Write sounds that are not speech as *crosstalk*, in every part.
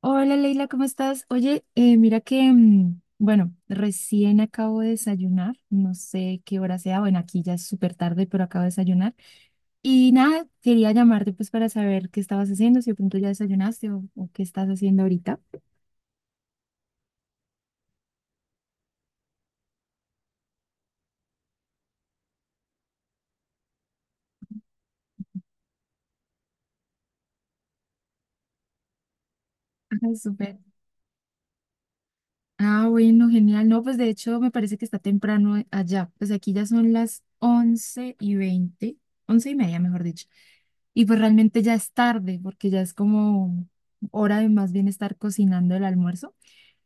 Hola Leila, ¿cómo estás? Oye, mira que, bueno, recién acabo de desayunar, no sé qué hora sea, bueno, aquí ya es súper tarde, pero acabo de desayunar. Y nada, quería llamarte pues para saber qué estabas haciendo, si de pronto ya desayunaste o qué estás haciendo ahorita. *laughs* Súper. Ah, bueno, genial. No, pues de hecho me parece que está temprano allá. Pues aquí ya son las 11:20, 11:30, mejor dicho. Y pues realmente ya es tarde porque ya es como hora de más bien estar cocinando el almuerzo.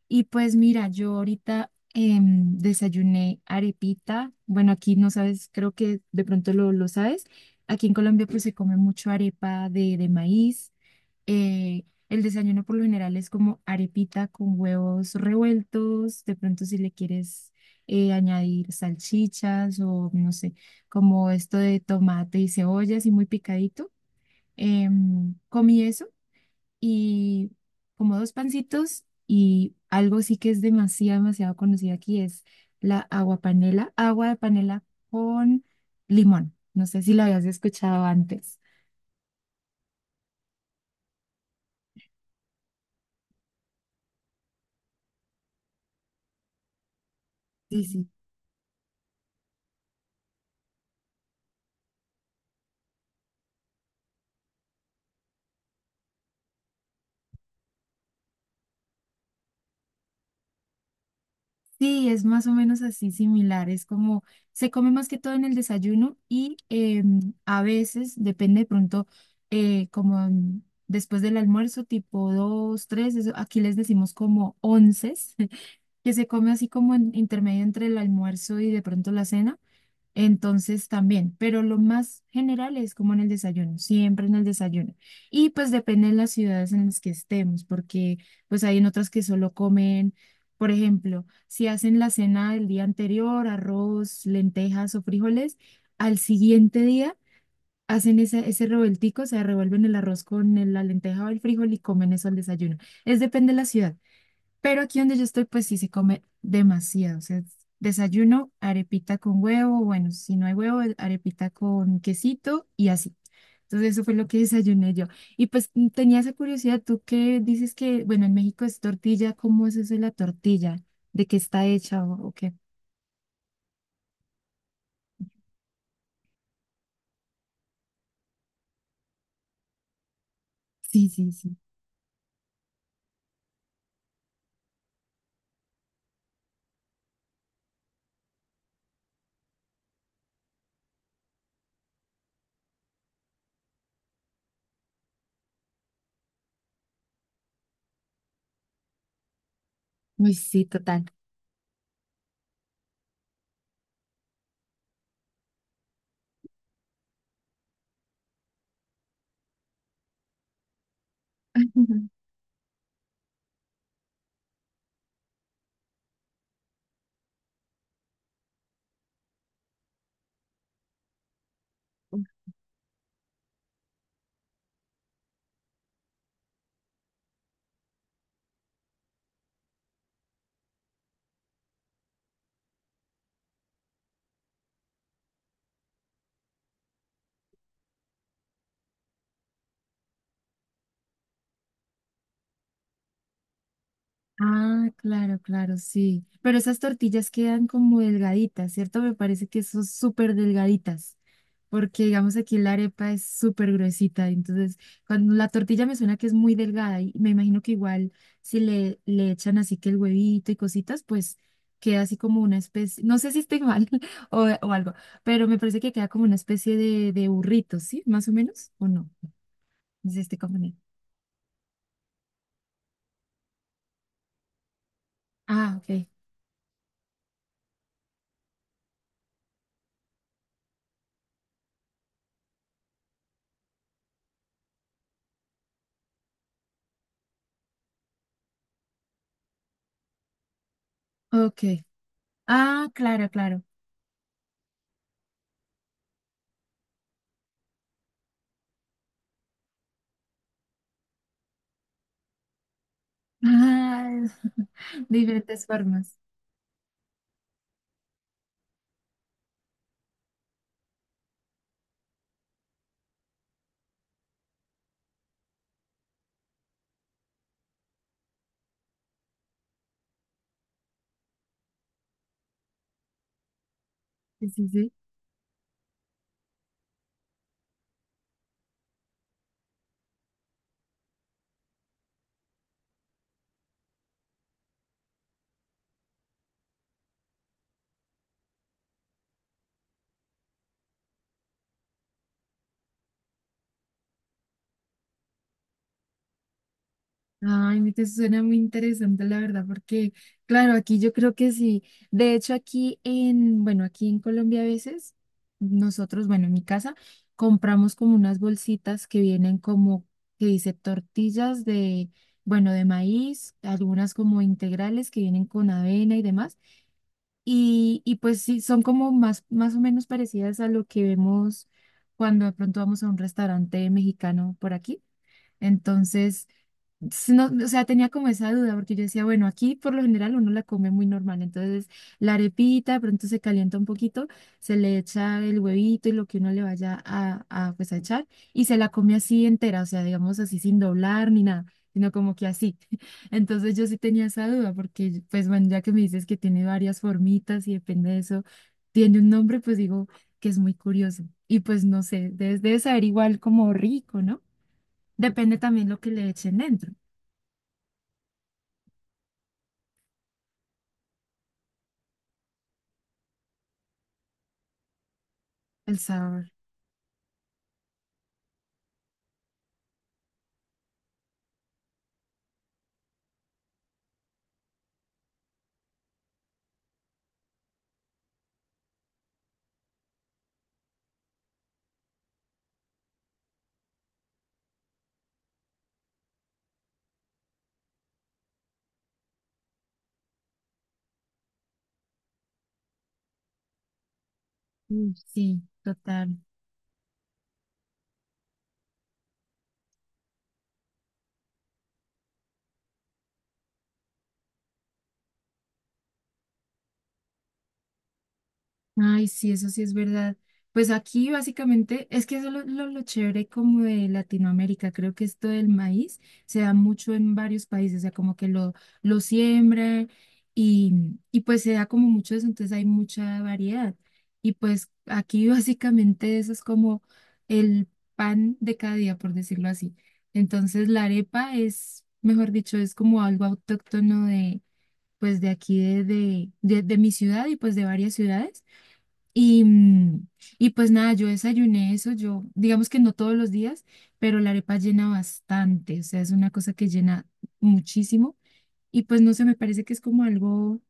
Y pues mira, yo ahorita desayuné arepita. Bueno, aquí no sabes, creo que de pronto lo sabes. Aquí en Colombia pues se come mucho arepa de maíz. El desayuno por lo general es como arepita con huevos revueltos, de pronto si le quieres añadir salchichas o no sé, como esto de tomate y cebolla así muy picadito. Comí eso y como dos pancitos, y algo sí que es demasiado, demasiado conocido aquí es la agua panela, agua de panela con limón. No sé si lo habías escuchado antes. Sí, sí. Sí, es más o menos así similar. Es como se come más que todo en el desayuno y, a veces, depende de pronto, como después del almuerzo, tipo dos, tres, aquí les decimos como onces, *laughs* que se come así como en intermedio entre el almuerzo y de pronto la cena. Entonces también, pero lo más general es como en el desayuno, siempre en el desayuno. Y pues depende de las ciudades en las que estemos, porque pues hay en otras que solo comen, por ejemplo, si hacen la cena del día anterior, arroz, lentejas o frijoles, al siguiente día hacen ese revueltico, o sea, revuelven el arroz con la lenteja o el frijol y comen eso al desayuno. Es depende de la ciudad. Pero aquí donde yo estoy, pues sí se come demasiado. O sea, desayuno, arepita con huevo, bueno, si no hay huevo, arepita con quesito y así. Entonces eso fue lo que *laughs* desayuné yo. Y pues tenía esa curiosidad, tú que dices que, bueno, en México es tortilla, ¿cómo es eso de la tortilla? ¿De qué está hecha o qué? Sí, sí, sí. Uy, sí, total. *laughs* Ah, claro, claro, sí. Pero esas tortillas quedan como delgaditas, ¿cierto? Me parece que son súper delgaditas, porque digamos aquí la arepa es súper gruesita, entonces cuando la tortilla me suena que es muy delgada y me imagino que igual si le echan así que el huevito y cositas, pues queda así como una especie, no sé si estoy mal *laughs* o algo, pero me parece que queda como una especie de burrito, ¿sí? Más o menos, ¿o no? No sé si estoy confundiendo. Ah, ok, ok. Ah, claro, claro. Ah, *laughs* de diferentes formas. Sí, sí, sí. Ay, me te suena muy interesante, la verdad, porque, claro, aquí yo creo que sí. De hecho, aquí en, bueno, aquí en Colombia a veces, nosotros, bueno, en mi casa, compramos como unas bolsitas que vienen como, que dice tortillas de, bueno, de maíz, algunas como integrales que vienen con avena y demás. Y pues sí, son como más o menos parecidas a lo que vemos cuando de pronto vamos a un restaurante mexicano por aquí. Entonces, no, o sea, tenía como esa duda, porque yo decía, bueno, aquí por lo general uno la come muy normal, entonces la arepita, de pronto se calienta un poquito, se le echa el huevito y lo que uno le vaya pues, a echar, y se la come así entera, o sea, digamos así sin doblar ni nada, sino como que así. *laughs* Entonces yo sí tenía esa duda, porque pues bueno, ya que me dices que tiene varias formitas y depende de eso, tiene un nombre, pues digo que es muy curioso, y pues no sé, debe saber igual como rico, ¿no? Depende también lo que le echen dentro. El sabor. Mm, sí, total. Ay, sí, eso sí es verdad. Pues aquí básicamente es que eso es lo chévere como de Latinoamérica. Creo que esto del maíz se da mucho en varios países, o sea, como que lo siembra, y, y pues se da como mucho eso, entonces hay mucha variedad. Y pues aquí *laughs* básicamente eso es como el pan de cada día, por decirlo así. Entonces la arepa es, mejor dicho, es como algo autóctono pues de aquí de mi ciudad y pues de varias ciudades. Y, y pues nada, yo desayuné eso, yo digamos que no todos los días, pero la arepa llena bastante, o sea, es una cosa que llena muchísimo. Y pues no sé, me parece que es como algo,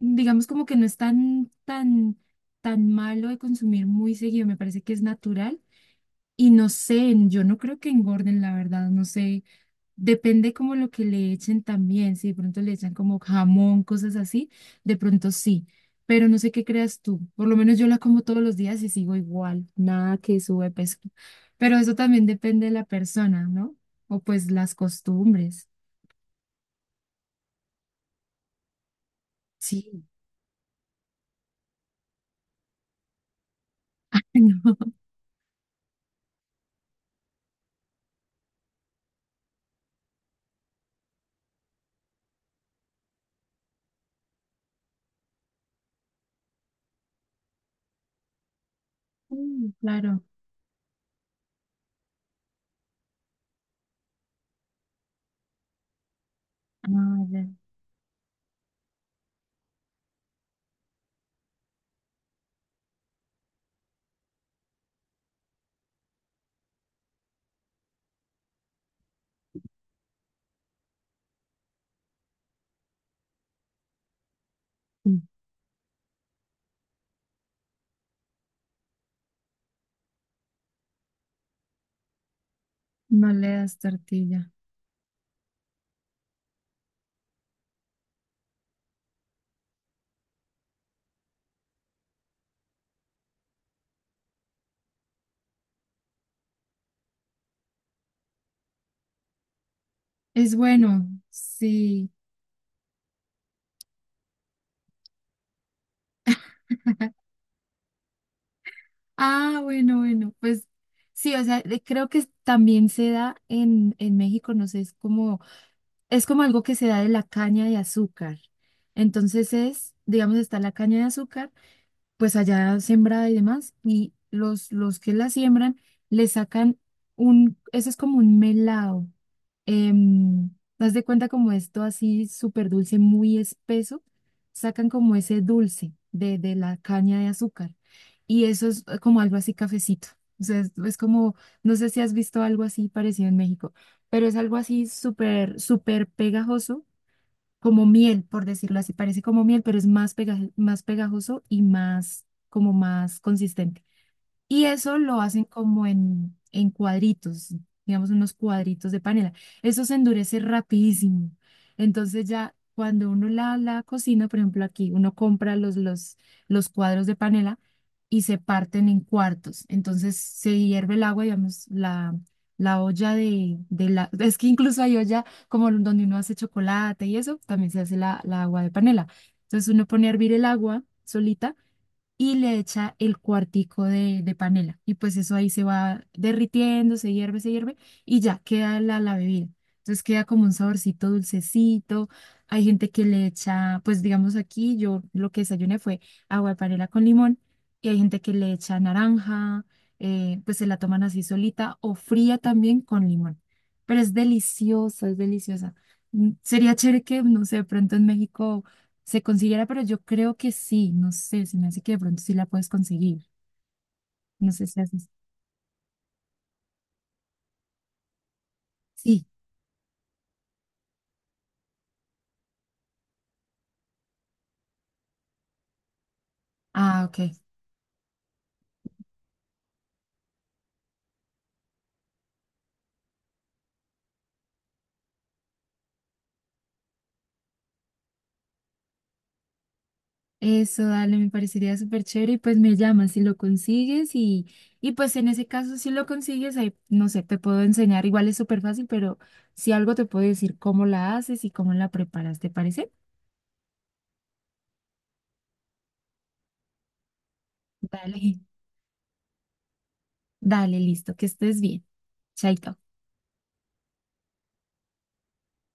digamos como que no es tan, tan, tan malo de consumir muy seguido, me parece que es natural. Y no sé, yo no creo que engorden, la verdad, no sé. Depende como lo que le echen también, si de pronto le echan como jamón, cosas así, de pronto sí, pero no sé qué creas tú, por lo menos yo la como todos los días y sigo igual, nada que sube peso, pero eso también depende de la persona, ¿no? O pues las costumbres. Sí. *laughs* Ay, no. Mm, claro, no, ya. Mm. No le das tortilla. Es bueno, sí. Ah, bueno, bueno, pues sí, o sea, creo que también se da en México, no sé, es como algo que se da de la caña de azúcar. Entonces es, digamos, está la caña de azúcar pues allá sembrada y demás, y los que la siembran le sacan un, eso es como un melado, em, haz de cuenta como esto así súper dulce, muy espeso, sacan como ese dulce de la caña de azúcar, y eso es, como algo así cafecito, o sea, es como, no sé si has visto algo así parecido en México, pero es algo así súper, súper pegajoso como miel, por decirlo así, parece como miel, pero es más pegajoso y más, como más consistente. Y eso lo hacen como en cuadritos, digamos unos cuadritos de panela. Eso se endurece rapidísimo. Entonces ya cuando uno la cocina, por ejemplo aquí, uno compra los cuadros de panela y se parten en cuartos. Entonces se hierve el agua, digamos, la olla de la... Es que incluso hay olla como donde uno hace chocolate y eso, también se hace la agua de panela. Entonces uno pone a hervir el agua solita y le echa el cuartico de panela. Y pues eso ahí se va derritiendo, se hierve y ya queda la bebida. Entonces queda como un saborcito dulcecito. Hay gente que le echa, pues digamos aquí, yo lo que desayuné fue agua de panela con limón y hay gente que le echa naranja, pues se la toman así solita o fría también con limón. Pero es deliciosa, es deliciosa. Mm, sería chévere que, no sé, de pronto en México se consiguiera, pero yo creo que sí, no sé, se me hace que de pronto sí la puedes conseguir, no sé si haces. Sí, ah, ok. Eso, dale, me parecería súper chévere y pues me llamas si lo consigues y pues en ese caso si lo consigues, ahí, no sé, te puedo enseñar, igual es súper fácil, pero si algo te puedo decir cómo la haces y cómo la preparas, ¿te parece? Dale, dale, listo, que estés bien. Chaito.